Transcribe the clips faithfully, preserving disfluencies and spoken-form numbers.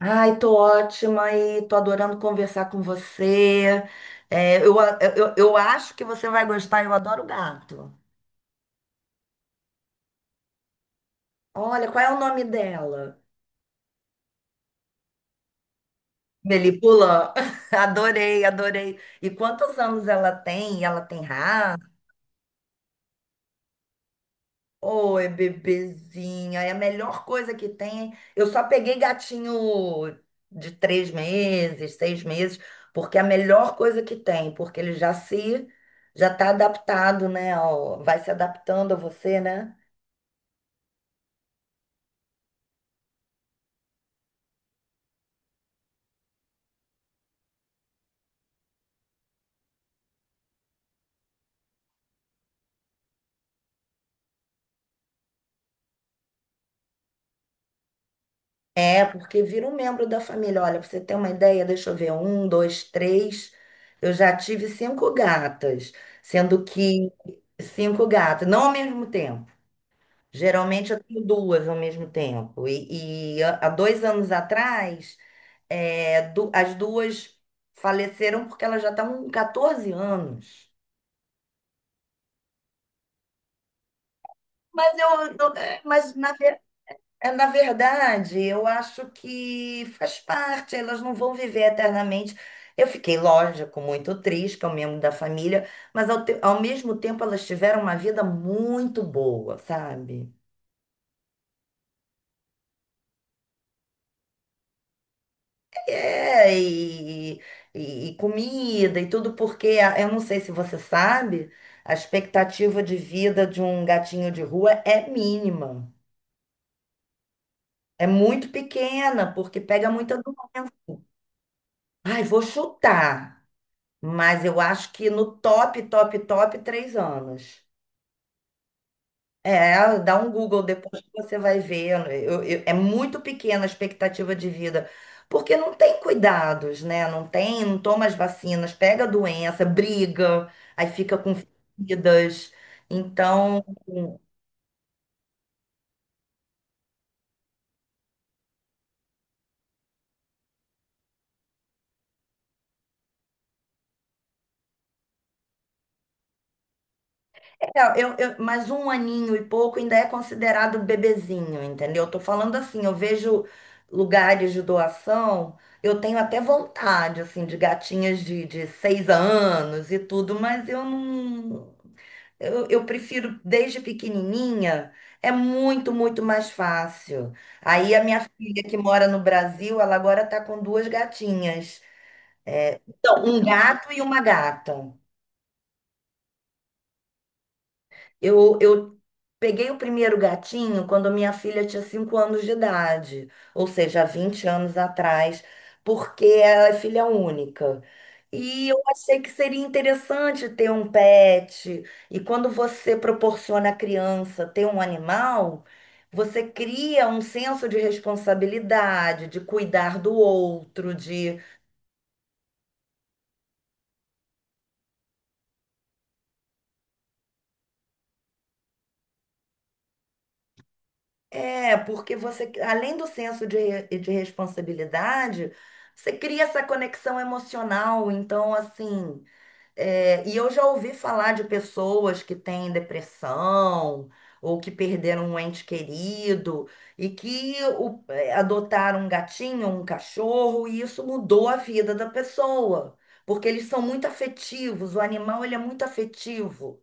Ai, tô ótima e tô adorando conversar com você. É, eu, a- eu, eu acho que você vai gostar, eu adoro gato. Olha, qual é o nome dela? Melipula? Adorei, adorei. E quantos anos ela tem? Ela tem raça? Oi, bebezinha, é a melhor coisa que tem. Eu só peguei gatinho de três meses, seis meses, porque é a melhor coisa que tem, porque ele já se, já tá adaptado, né? Ao- vai se adaptando a você, né? É, porque vira um membro da família. Olha, pra você ter uma ideia, deixa eu ver, um, dois, três. Eu já tive cinco gatas, sendo que cinco gatas, não ao mesmo tempo. Geralmente eu tenho duas ao mesmo tempo. E, e há há dois anos atrás, é, du- as duas faleceram porque elas já estavam com catorze anos. Mas eu, eu- é, mas na, ver- é, na verdade, eu acho que faz parte, elas não vão viver eternamente. Eu fiquei, lógico, muito triste, que é um membro da família, mas ao, te- ao mesmo tempo elas tiveram uma vida muito boa, sabe? É, e, e- e comida e tudo, porque a- eu não sei se você sabe, a expectativa de vida de um gatinho de rua é mínima. É muito pequena, porque pega muita doença. Ai, vou chutar, mas eu acho que no top, top, top, três anos. É, dá um Google depois que você vai ver. Eu- eu- é muito pequena a expectativa de vida, porque não tem cuidados, né? Não tem, não toma as vacinas, pega a doença, briga, aí fica com feridas. Então, é, eu, eu, mas um aninho e pouco ainda é considerado bebezinho, entendeu? Eu tô falando assim, eu vejo lugares de doação, eu tenho até vontade, assim, de gatinhas de, de seis anos e tudo, mas eu não. Eu, eu prefiro desde pequenininha, é muito, muito mais fácil. Aí a minha filha que mora no Brasil, ela agora está com duas gatinhas. É, então, um gato e uma gata. Eu, eu peguei o primeiro gatinho quando minha filha tinha cinco anos de idade, ou seja, há vinte anos atrás, porque ela é filha única. E eu achei que seria interessante ter um pet. E quando você proporciona à criança ter um animal, você cria um senso de responsabilidade, de cuidar do outro, de. É, porque você, além do senso de, re- de responsabilidade, você cria essa conexão emocional. Então, assim, é, e eu já ouvi falar de pessoas que têm depressão ou que perderam um ente querido e que o- é, adotaram um gatinho, um cachorro, e isso mudou a vida da pessoa. Porque eles são muito afetivos, o animal ele é muito afetivo.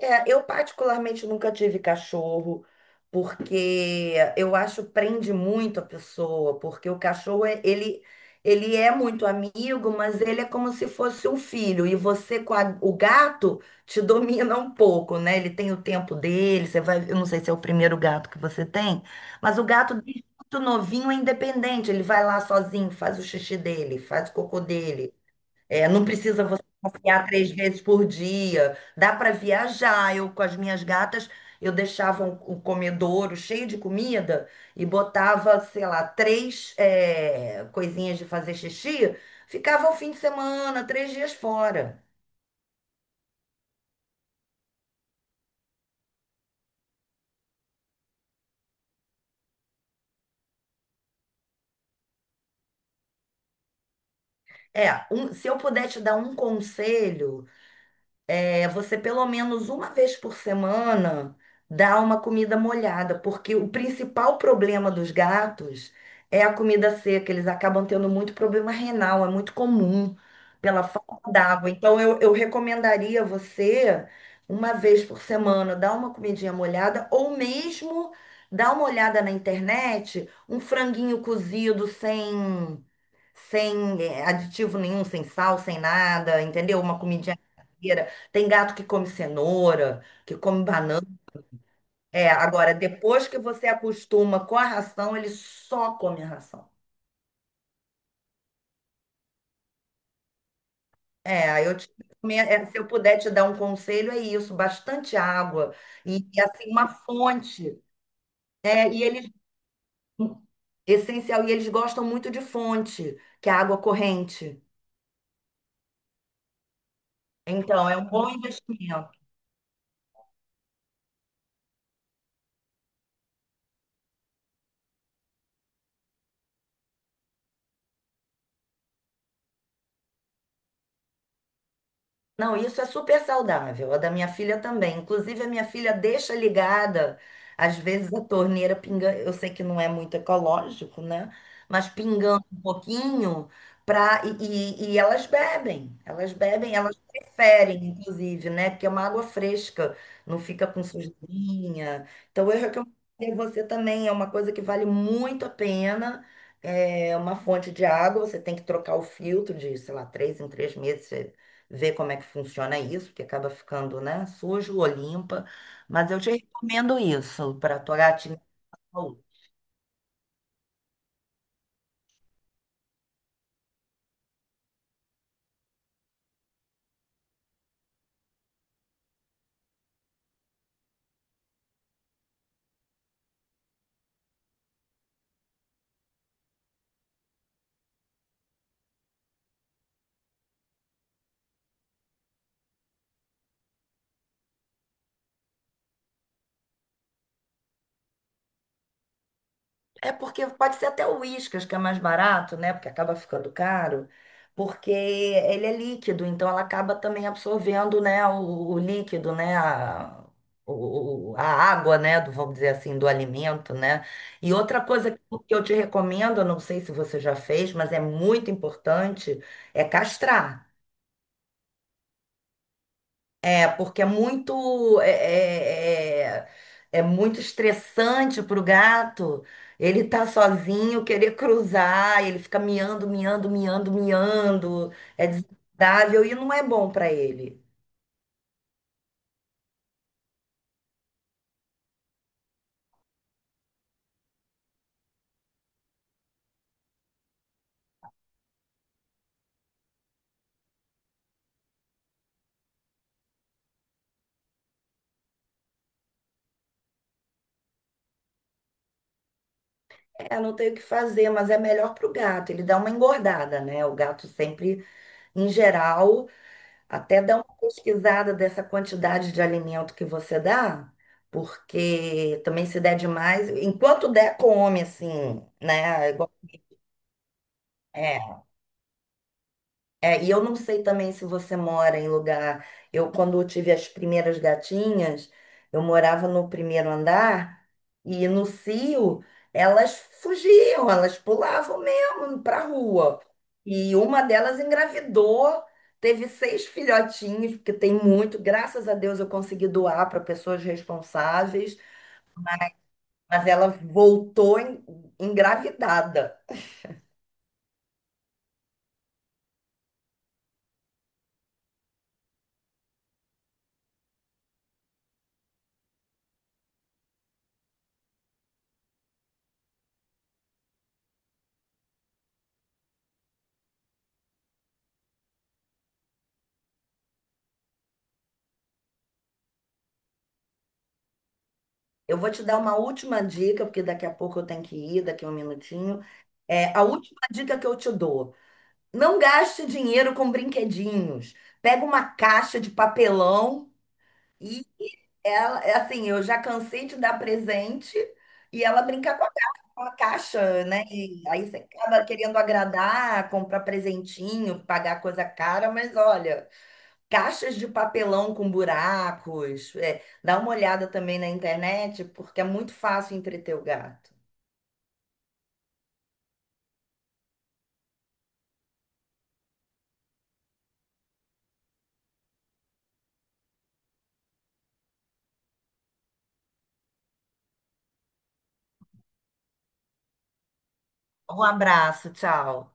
É, eu particularmente nunca tive cachorro, porque eu acho prende muito a pessoa, porque o cachorro é- ele ele é muito amigo, mas ele é como se fosse um filho, e você com a- o gato te domina um pouco, né? Ele tem o tempo dele, você vai, eu não sei se é o primeiro gato que você tem, mas o gato desde muito novinho é independente, ele vai lá sozinho, faz o xixi dele, faz o cocô dele. É, não precisa você passear três vezes por dia. Dá para viajar. Eu, com as minhas gatas, eu deixava um, um comedouro cheio de comida e botava, sei lá, três, é, coisinhas de fazer xixi. Ficava o fim de semana, três dias fora. É, um- se eu puder te dar um conselho, é, você pelo menos uma vez por semana dá uma comida molhada, porque o principal problema dos gatos é a comida seca. Eles acabam tendo muito problema renal, é muito comum pela falta d'água. Então, eu, eu recomendaria você uma vez por semana dar uma comidinha molhada ou mesmo dar uma olhada na internet, um franguinho cozido sem sem eh, aditivo nenhum, sem sal, sem nada, entendeu? Uma comidinha caseira. Tem gato que come cenoura, que come banana. É, agora, depois que você acostuma com a ração, ele só come a ração. É, aí eu te, é, se eu puder te dar um conselho, é isso, bastante água e, e, assim, uma fonte. É, e eles, essencial, e eles gostam muito de fonte, que é água corrente. Então, é um bom investimento. Não, isso é super saudável. A da minha filha também. Inclusive, a minha filha deixa ligada, às vezes, a torneira pingando. Eu sei que não é muito ecológico, né? Mas pingando um pouquinho pra... e, e- e elas bebem. Elas bebem, elas preferem, inclusive, né? Porque é uma água fresca, não fica com sujeirinha. Então, eu recomendo a você também. É uma coisa que vale muito a pena. É uma fonte de água, você tem que trocar o filtro de, sei lá, três em três meses, ver como é que funciona isso, porque acaba ficando, né, sujo ou limpa. Mas eu te recomendo isso para tua gatinha. É porque pode ser até o Whiskas, que é mais barato, né? Porque acaba ficando caro, porque ele é líquido, então ela acaba também absorvendo, né, o, o líquido, né, a, o- o- a água, né, do, vamos dizer assim, do alimento, né? E outra coisa que eu te recomendo, eu não sei se você já fez, mas é muito importante, é castrar. É, porque é muito é, é, é- é muito estressante para o gato. Ele tá sozinho, querer cruzar, ele fica miando, miando, miando, miando. É desagradável e não é bom para ele. É, não tem o que fazer, mas é melhor para o gato. Ele dá uma engordada, né? O gato sempre, em geral, até dá uma pesquisada dessa quantidade de alimento que você dá, porque também se der demais, enquanto der, come, assim, né? É, é, e eu não sei também se você mora em lugar. Eu, quando eu tive as primeiras gatinhas, eu morava no primeiro andar e no cio elas fugiam, elas pulavam mesmo pra rua. E uma delas engravidou, teve seis filhotinhos, porque tem muito. Graças a Deus eu consegui doar para pessoas responsáveis, mas ela voltou en- engravidada. Eu vou te dar uma última dica, porque daqui a pouco eu tenho que ir, daqui a um minutinho. É, a última dica que eu te dou: não gaste dinheiro com brinquedinhos. Pega uma caixa de papelão e ela, é assim, eu já cansei de dar presente e ela brincar com a caixa, com a caixa, né? E aí você acaba querendo agradar, comprar presentinho, pagar coisa cara, mas olha, caixas de papelão com buracos, é, dá uma olhada também na internet, porque é muito fácil entreter o gato. Um abraço, tchau.